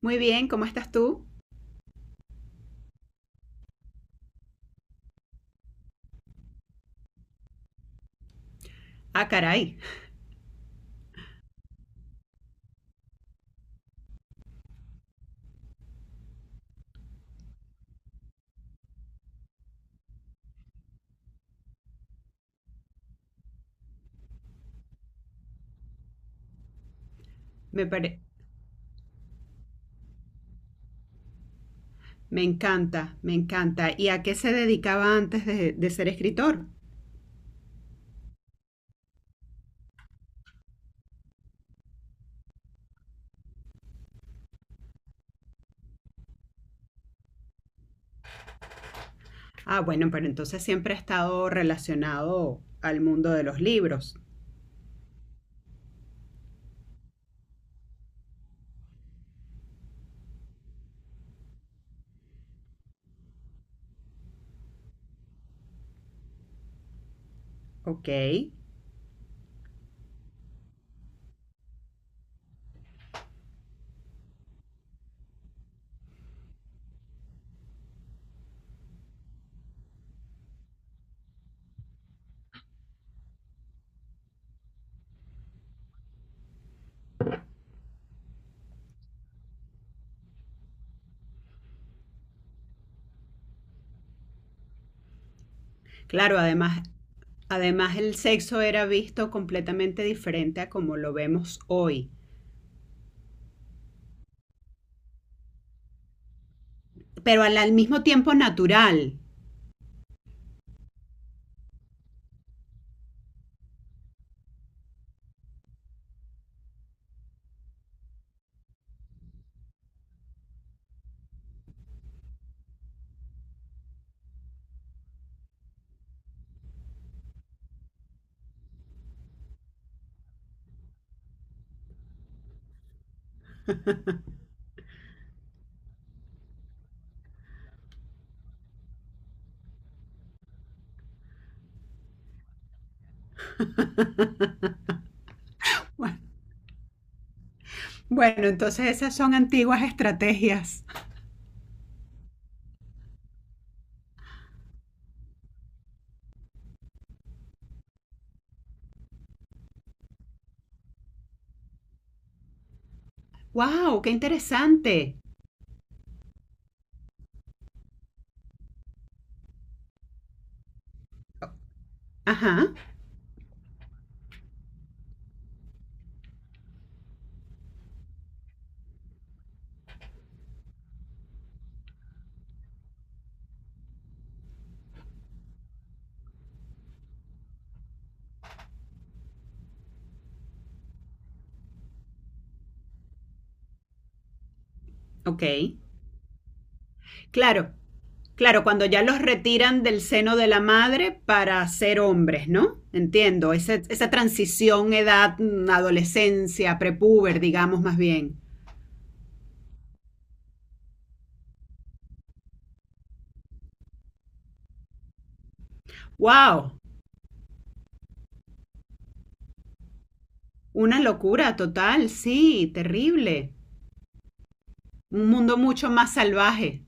Muy bien, ¿cómo estás tú? Ah, caray, me, pare- me encanta, me encanta. ¿Y a qué se dedicaba antes de ser escritor? Ah, bueno, pero entonces siempre ha estado relacionado al mundo de los libros. Ok. Claro, además, además el sexo era visto completamente diferente a como lo vemos hoy, pero al mismo tiempo natural. Bueno, bueno, entonces esas son antiguas estrategias. ¡Wow! ¡Qué interesante! Ajá, ok. Claro, claro, cuando ya los retiran del seno de la madre para ser hombres, ¿no? Entiendo, esa transición, edad, adolescencia, prepúber, digamos más bien. ¡Wow! Una locura total, sí, terrible. Un mundo mucho más salvaje.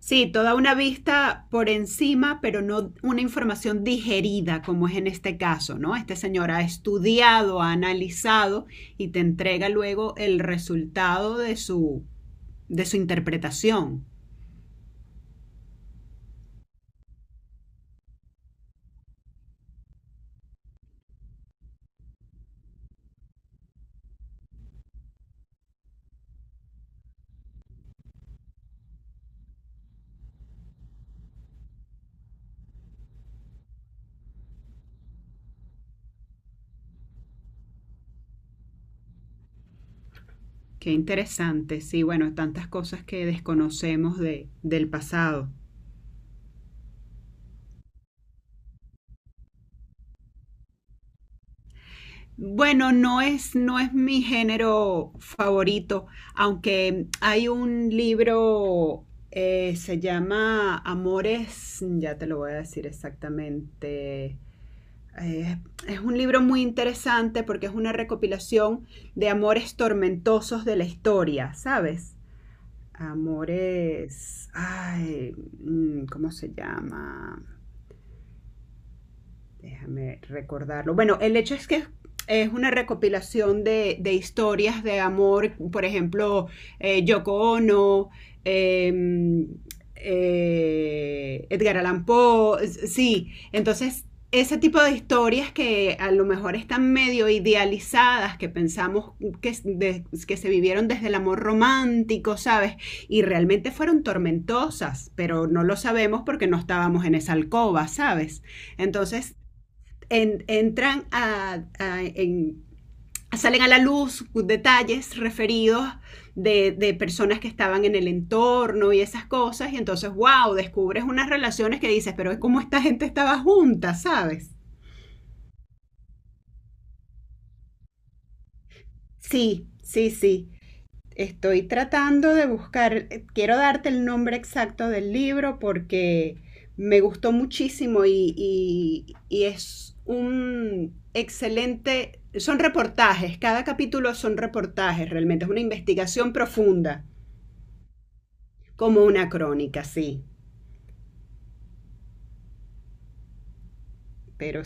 Sí, toda una vista por encima, pero no una información digerida como es en este caso, ¿no? Este señor ha estudiado, ha analizado y te entrega luego el resultado de su interpretación. Qué interesante, sí, bueno, tantas cosas que desconocemos de, del pasado. Bueno, no es mi género favorito, aunque hay un libro, se llama Amores, ya te lo voy a decir exactamente. Eh, es un libro muy interesante porque es una recopilación de amores tormentosos de la historia, ¿sabes? Amores, ay, mm, ¿cómo se llama? Déjame recordarlo. Bueno, el hecho es que es una recopilación de historias de amor, por ejemplo, Yoko Ono, eh, Edgar Allan Poe, sí, entonces ese tipo de historias que a lo mejor están medio idealizadas, que pensamos que se vivieron desde el amor romántico, ¿sabes? Y realmente fueron tormentosas, pero no lo sabemos porque no estábamos en esa alcoba, ¿sabes? Entonces, en, entran a, en, salen a la luz detalles referidos de personas que estaban en el entorno y esas cosas, y entonces, wow, descubres unas relaciones que dices, pero es como esta gente estaba junta, ¿sabes? Sí, sí, sí. Estoy tratando de buscar, quiero darte el nombre exacto del libro porque me gustó muchísimo y y es un excelente, son reportajes, cada capítulo son reportajes realmente, es una investigación profunda, como una crónica, sí, pero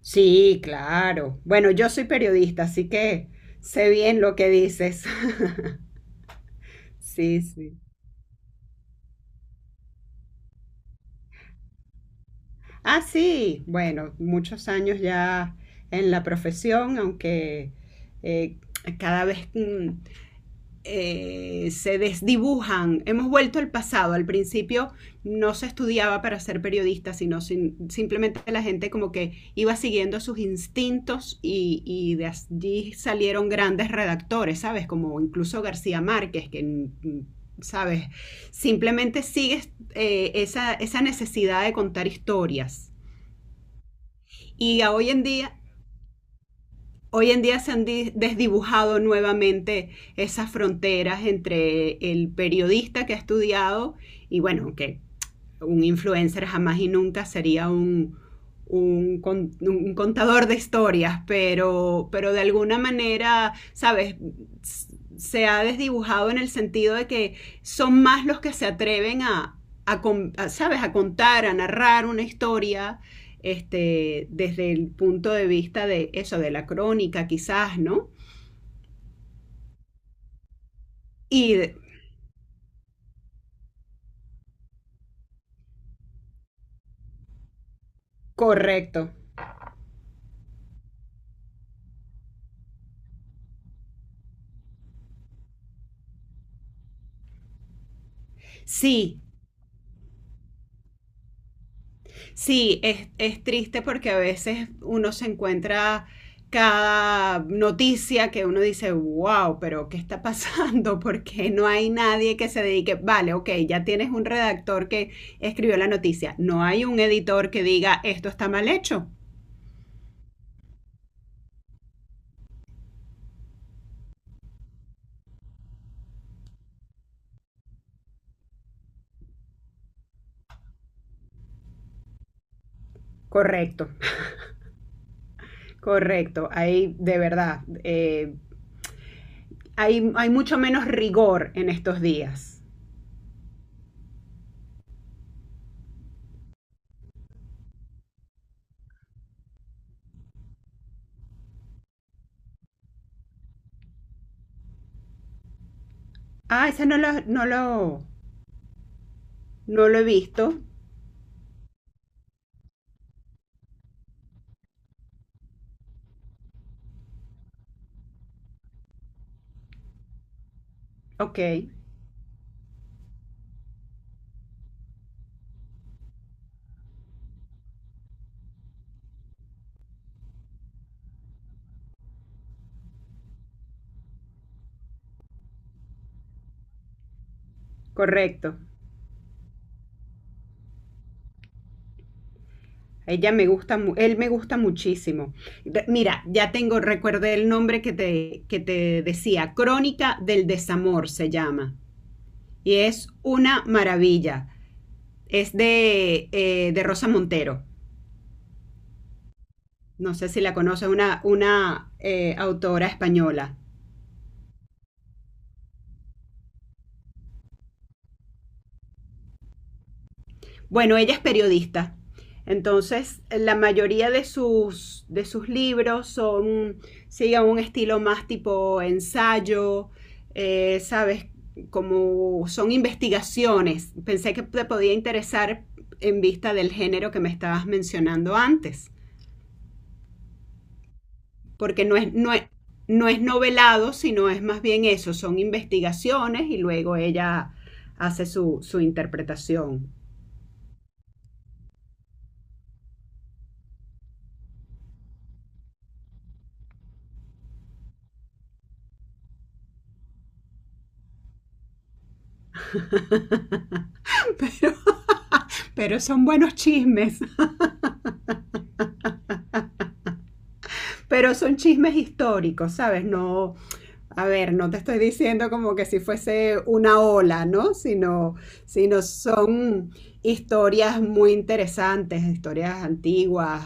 sí, claro. Bueno, yo soy periodista, así que sé bien lo que dices. Sí, sí. Ah, sí, bueno, muchos años ya en la profesión, aunque eh, cada vez se desdibujan. Hemos vuelto al pasado. Al principio no se estudiaba para ser periodista, sino simplemente la gente como que iba siguiendo sus instintos y de allí salieron grandes redactores, ¿sabes? Como incluso García Márquez, que, mm, ¿sabes? Simplemente sigues esa necesidad de contar historias. Y a hoy en día, Hoy en día se han desdibujado nuevamente esas fronteras entre el periodista que ha estudiado y bueno, que un influencer jamás y nunca sería un, un contador de historias, pero de alguna manera, ¿sabes? Se ha desdibujado en el sentido de que son más los que se atreven a, a ¿sabes? A contar, a narrar una historia. Este, desde el punto de vista de eso, de la crónica quizás, ¿no? Y correcto. Sí, sí, es triste porque a veces uno se encuentra cada noticia que uno dice, wow, pero ¿qué está pasando? Porque no hay nadie que se dedique, vale, ok, ya tienes un redactor que escribió la noticia, no hay un editor que diga, esto está mal hecho. Correcto, correcto, hay de verdad, hay mucho menos rigor en estos días. Ah, ese no lo, no lo, no lo he visto. Ok, correcto. Ella me gusta, él me gusta muchísimo. Mira, ya tengo, recuerde el nombre que te decía, Crónica del Desamor se llama. Y es una maravilla. Es de Rosa Montero. No sé si la conoces, una autora española. Bueno, ella es periodista. Entonces, la mayoría de sus libros son, siguen un estilo más tipo ensayo, ¿sabes? Como son investigaciones. Pensé que te podía interesar en vista del género que me estabas mencionando antes, porque no es novelado, sino es más bien eso, son investigaciones y luego ella hace su, su interpretación. Pero, pero son buenos chismes, pero son chismes históricos, ¿sabes? No, a ver, no te estoy diciendo como que si fuese una ola, ¿no? Sino son historias muy interesantes, historias antiguas,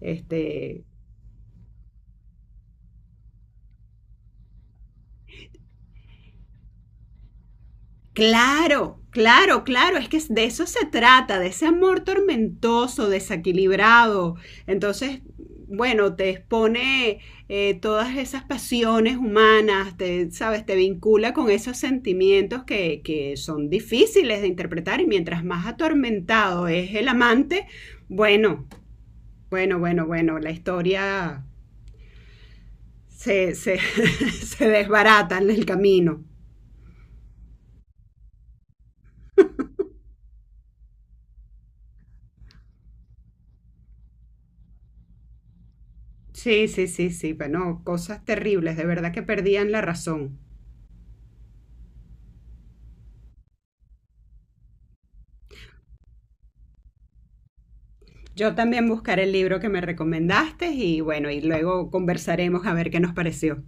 este, claro, claro, claro, es que de eso se trata, de ese amor tormentoso, desequilibrado. Entonces, bueno, te expone todas esas pasiones humanas, te, sabes, te vincula con esos sentimientos que son difíciles de interpretar y mientras más atormentado es el amante, bueno, bueno, la historia se se desbarata en el camino. Sí, sí, sí, sí, bueno, cosas terribles, de verdad que perdían la razón. Yo también buscaré el libro que me recomendaste y bueno, y luego conversaremos a ver qué nos pareció.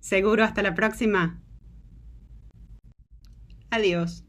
Seguro, hasta la próxima. Adiós.